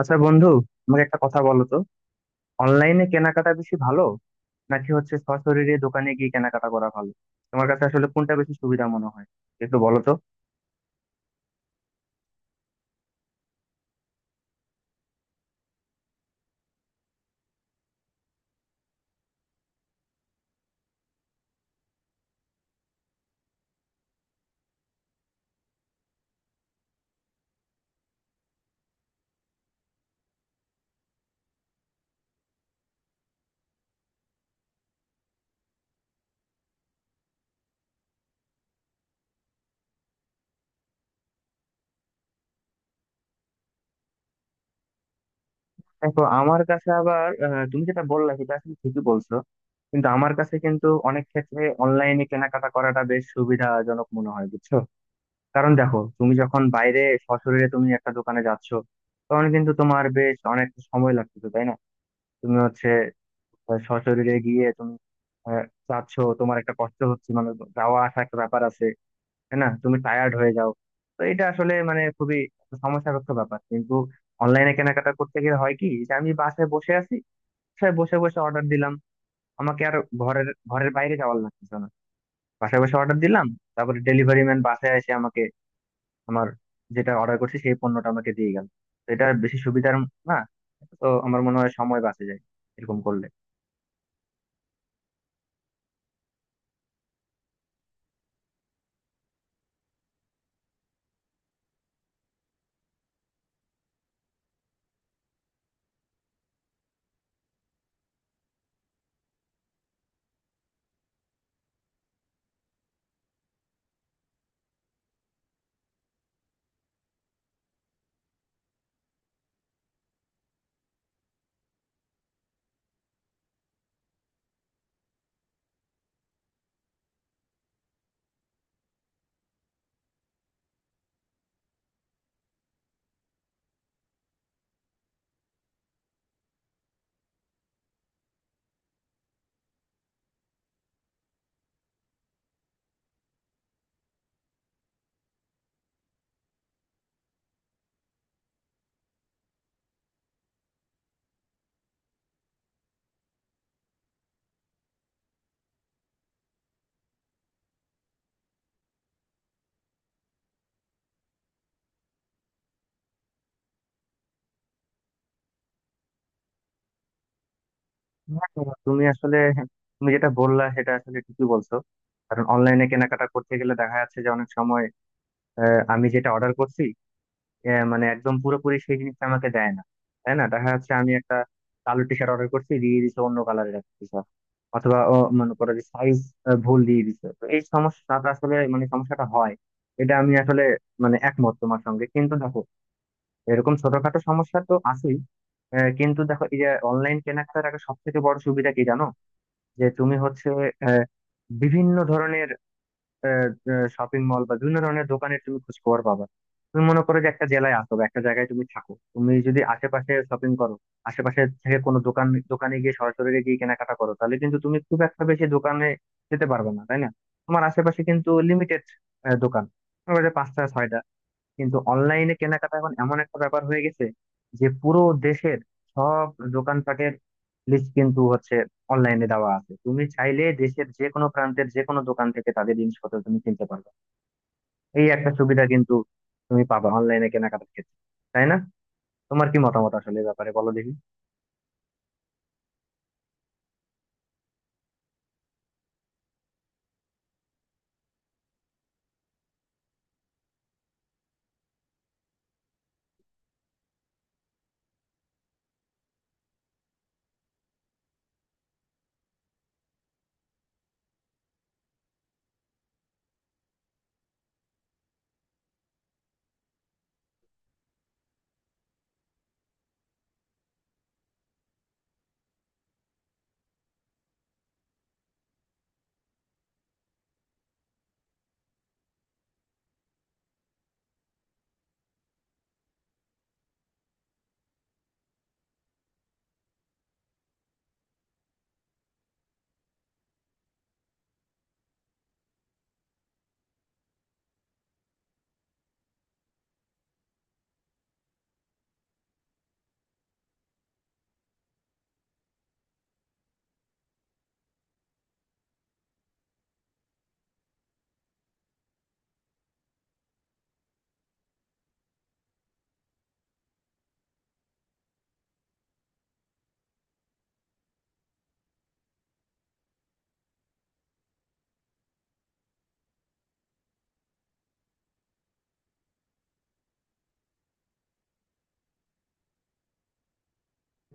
আচ্ছা বন্ধু, আমাকে একটা কথা বলো তো। অনলাইনে কেনাকাটা বেশি ভালো নাকি হচ্ছে সশরীরে দোকানে গিয়ে কেনাকাটা করা ভালো? তোমার কাছে আসলে কোনটা বেশি সুবিধা মনে হয়, একটু বলো তো। দেখো, আমার কাছে আবার তুমি যেটা বললা সেটা আসলে ঠিকই বলছো, কিন্তু আমার কাছে কিন্তু অনেক ক্ষেত্রে অনলাইনে কেনাকাটা করাটা বেশ সুবিধাজনক মনে হয় বুঝছো। কারণ দেখো, তুমি যখন বাইরে সশরীরে তুমি একটা দোকানে যাচ্ছো, তখন কিন্তু তোমার বেশ অনেক সময় লাগতেছে, তাই না? তুমি হচ্ছে সশরীরে গিয়ে তুমি আহ, যাচ্ছ, তোমার একটা কষ্ট হচ্ছে, মানে যাওয়া আসা একটা ব্যাপার আছে, তাই না? তুমি টায়ার্ড হয়ে যাও। তো এটা আসলে মানে খুবই সমস্যাগ্রস্ত ব্যাপার। কিন্তু অনলাইনে কেনাকাটা করতে গেলে হয় কি, যে আমি বাসায় বসে আছি, বাসায় বসে বসে অর্ডার দিলাম, আমাকে আর ঘরের ঘরের বাইরে যাওয়ার লাগতেছে না। বাসায় বসে অর্ডার দিলাম, তারপরে ডেলিভারি ম্যান বাসায় এসে আমাকে আমার যেটা অর্ডার করছি সেই পণ্যটা আমাকে দিয়ে গেল। তো এটা বেশি সুবিধার না? তো আমার মনে হয় সময় বাঁচে যায় এরকম করলে। হ্যাঁ, হ্যাঁ, তুমি আসলে হ্যাঁ, তুমি যেটা বললা সেটা আসলে ঠিকই বলছো। কারণ অনলাইনে কেনাকাটা করতে গেলে দেখা যাচ্ছে যে অনেক সময় আমি যেটা অর্ডার করছি মানে একদম পুরোপুরি সেই জিনিসটা আমাকে দেয় না, তাই না? দেখা যাচ্ছে আমি একটা কালো টি শার্ট অর্ডার করছি, দিয়ে দিচ্ছে অন্য কালারের একটা টি শার্ট, অথবা ও, মনে করো যে সাইজ ভুল দিয়ে দিচ্ছে। তো এই সমস্যাটা আসলে মানে সমস্যাটা হয়। এটা আমি আসলে মানে একমত তোমার সঙ্গে। কিন্তু দেখো, এরকম ছোটখাটো সমস্যা তো আছেই। কিন্তু দেখো, এই যে অনলাইন কেনাকাটার একটা সব থেকে বড় সুবিধা কি জানো, যে তুমি হচ্ছে আহ, বিভিন্ন ধরনের শপিং মল বা বিভিন্ন ধরনের দোকানের তুমি খোঁজ খবর পাবা। তুমি মনে করো যে একটা জেলায় আসো বা একটা জায়গায় তুমি থাকো, তুমি যদি আশেপাশে শপিং করো, আশেপাশে থেকে কোনো দোকান দোকানে গিয়ে সরাসরি গিয়ে কেনাকাটা করো, তাহলে কিন্তু তুমি খুব একটা বেশি দোকানে যেতে পারবে না, তাই না? তোমার আশেপাশে কিন্তু লিমিটেড দোকান, তোমার কাছে পাঁচটা ছয়টা। কিন্তু অনলাইনে কেনাকাটা এখন এমন একটা ব্যাপার হয়ে গেছে, যে পুরো দেশের সব দোকানপাটের লিস্ট কিন্তু হচ্ছে অনলাইনে দেওয়া আছে। তুমি চাইলে দেশের যে কোনো প্রান্তের যে কোনো দোকান থেকে তাদের জিনিসপত্র তুমি কিনতে পারবে। এই একটা সুবিধা কিন্তু তুমি পাবা অনলাইনে কেনাকাটার ক্ষেত্রে, তাই না? তোমার কি মতামত আসলে এ ব্যাপারে, বলো দেখি।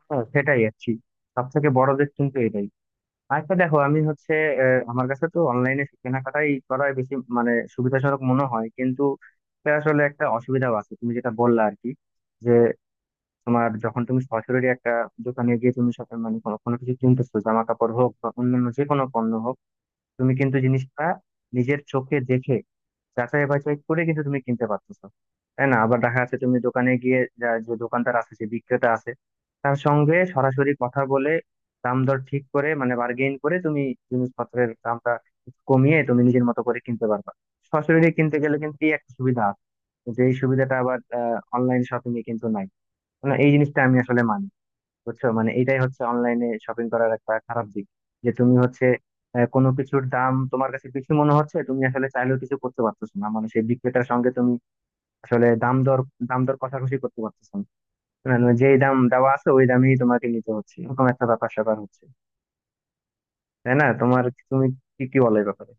হ্যাঁ, সেটাই আর কি, সব থেকে বড় দিক কিন্তু এটাই। আচ্ছা দেখো, আমি হচ্ছে আমার কাছে তো অনলাইনে কেনাকাটাই করাই বেশি মানে সুবিধাজনক মনে হয়। কিন্তু এটা আসলে একটা অসুবিধাও আছে তুমি যেটা বললা আর কি, যে তোমার যখন তুমি সরাসরি একটা দোকানে গিয়ে তুমি সাথে মানে কোনো কোনো কিছু কিনতেছো, জামা কাপড় হোক বা অন্যান্য যে কোনো পণ্য হোক, তুমি কিন্তু জিনিসটা নিজের চোখে দেখে যাচাই বাছাই করে কিন্তু তুমি কিনতে পারতেছো, তাই না? আবার দেখা যাচ্ছে তুমি দোকানে গিয়ে যে দোকানদার আছে, যে বিক্রেতা আছে, তার সঙ্গে সরাসরি কথা বলে দাম দর ঠিক করে মানে বার্গেইন করে তুমি জিনিসপত্রের দামটা একটু কমিয়ে তুমি নিজের মতো করে কিনতে পারবা। সরাসরি কিনতে গেলে কিন্তু এই একটা সুবিধা আছে, যে এই সুবিধাটা আবার অনলাইন শপিং এ কিন্তু নাই। মানে এই জিনিসটা আমি আসলে মানি, বুঝছো। মানে এটাই হচ্ছে অনলাইনে শপিং করার একটা খারাপ দিক, যে তুমি হচ্ছে কোনো কিছুর দাম তোমার কাছে বেশি মনে হচ্ছে, তুমি আসলে চাইলেও কিছু করতে পারতেছো না, মানে সেই বিক্রেতার সঙ্গে তুমি আসলে দাম দর কষাকষি করতে পারতেছো না। মানে যেই দাম দেওয়া আছে ওই দামেই তোমাকে নিতে হচ্ছে, এরকম একটা ব্যাপার স্যাপার হচ্ছে, তাই না? তোমার তুমি কি কি বলো এই ব্যাপারে?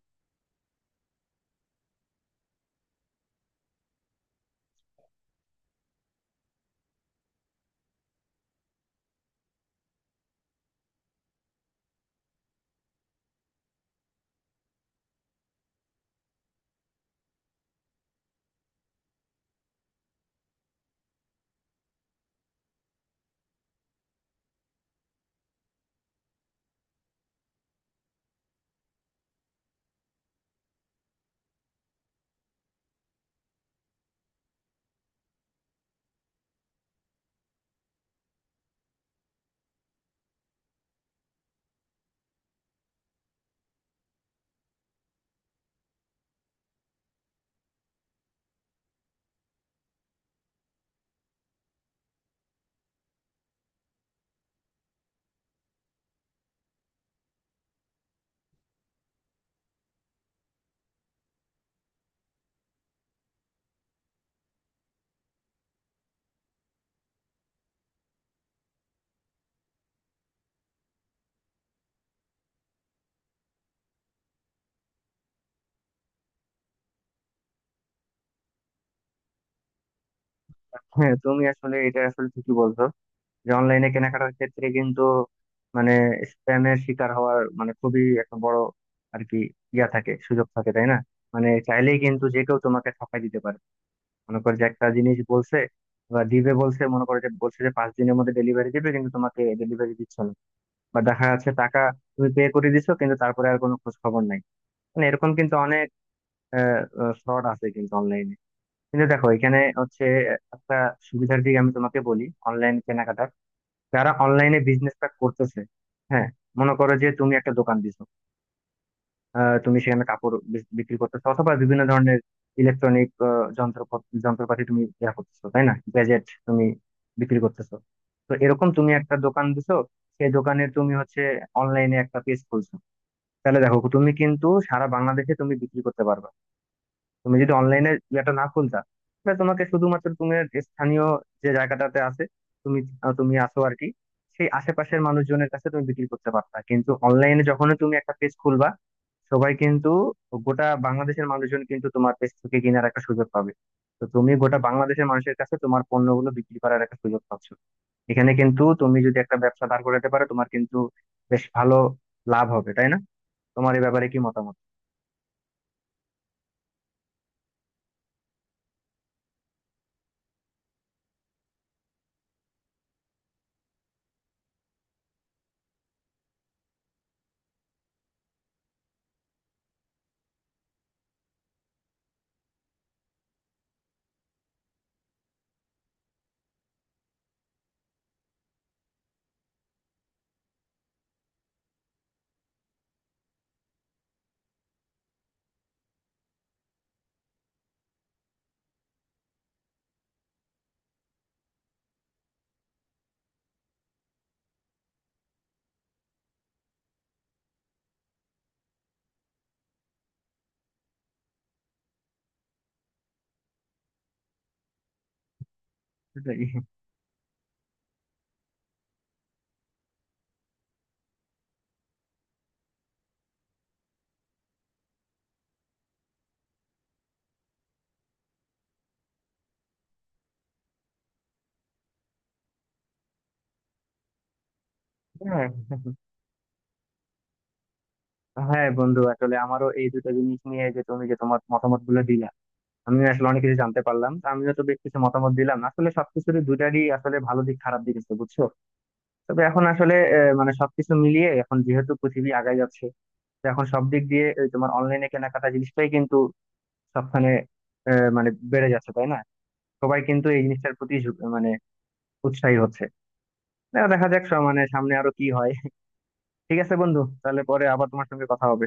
হ্যাঁ, তুমি আসলে এটা আসলে ঠিকই বলছো, যে অনলাইনে কেনাকাটার ক্ষেত্রে কিন্তু মানে স্প্যামের শিকার হওয়ার মানে খুবই একটা বড় আর কি ইয়া থাকে, সুযোগ থাকে, তাই না? মানে চাইলেই কিন্তু যে কেউ তোমাকে ঠকাই দিতে পারে। মনে করো যে একটা জিনিস বলছে বা দিবে বলছে, মনে করো যে বলছে যে 5 দিনের মধ্যে ডেলিভারি দিবে, কিন্তু তোমাকে ডেলিভারি দিচ্ছে না। বা দেখা যাচ্ছে টাকা তুমি পে করে দিছো কিন্তু তারপরে আর কোনো খোঁজ খবর নাই। মানে এরকম কিন্তু অনেক ফ্রড আছে কিন্তু অনলাইনে। কিন্তু দেখো, এখানে হচ্ছে একটা সুবিধার দিক আমি তোমাকে বলি। অনলাইন কেনাকাটা যারা অনলাইনে বিজনেসটা করতেছে, হ্যাঁ, মনে করো যে তুমি একটা দোকান দিছো, তুমি সেখানে কাপড় বিক্রি করতেছো অথবা বিভিন্ন ধরনের ইলেকট্রনিক যন্ত্র যন্ত্রপাতি তুমি ইয়া করতেছো, তাই না, গ্যাজেট তুমি বিক্রি করতেছো। তো এরকম তুমি একটা দোকান দিছো, সেই দোকানে তুমি হচ্ছে অনলাইনে একটা পেজ খুলছো। তাহলে দেখো, তুমি কিন্তু সারা বাংলাদেশে তুমি বিক্রি করতে পারবে। তুমি যদি অনলাইনে ইয়েটা না খুলতা, তাহলে তোমাকে শুধুমাত্র তুমি স্থানীয় যে জায়গাটাতে আছে তুমি তুমি আছো আর কি, সেই আশেপাশের মানুষজনের কাছে তুমি বিক্রি করতে পারতা। কিন্তু অনলাইনে যখন তুমি একটা পেজ খুলবা, সবাই কিন্তু, গোটা বাংলাদেশের মানুষজন কিন্তু তোমার পেজ থেকে কেনার একটা সুযোগ পাবে। তো তুমি গোটা বাংলাদেশের মানুষের কাছে তোমার পণ্যগুলো বিক্রি করার একটা সুযোগ পাচ্ছ। এখানে কিন্তু তুমি যদি একটা ব্যবসা দাঁড় করাতে পারো, তোমার কিন্তু বেশ ভালো লাভ হবে, তাই না? তোমার এই ব্যাপারে কি মতামত? হ্যাঁ, হ্যাঁ বন্ধু, আসলে আমারও এই দুটো জিনিস নিয়ে যে তুমি যে তোমার মতামত গুলো দিলা, আমি আসলে অনেক কিছু জানতে পারলাম। তো আমিও তো বেশ কিছু মতামত দিলাম। আসলে সবকিছুর দুটারই আসলে ভালো দিক খারাপ দিক আছে বুঝছো। তবে এখন আসলে মানে সবকিছু মিলিয়ে এখন যেহেতু পৃথিবী আগায় যাচ্ছে, তো এখন সব দিক দিয়ে এই তোমার অনলাইনে কেনাকাটা জিনিসটাই কিন্তু সবখানে মানে বেড়ে যাচ্ছে, তাই না? সবাই কিন্তু এই জিনিসটার প্রতি মানে উৎসাহী হচ্ছে। দেখা দেখা যাক মানে সামনে আরো কি হয়। ঠিক আছে বন্ধু, তাহলে পরে আবার তোমার সঙ্গে কথা হবে।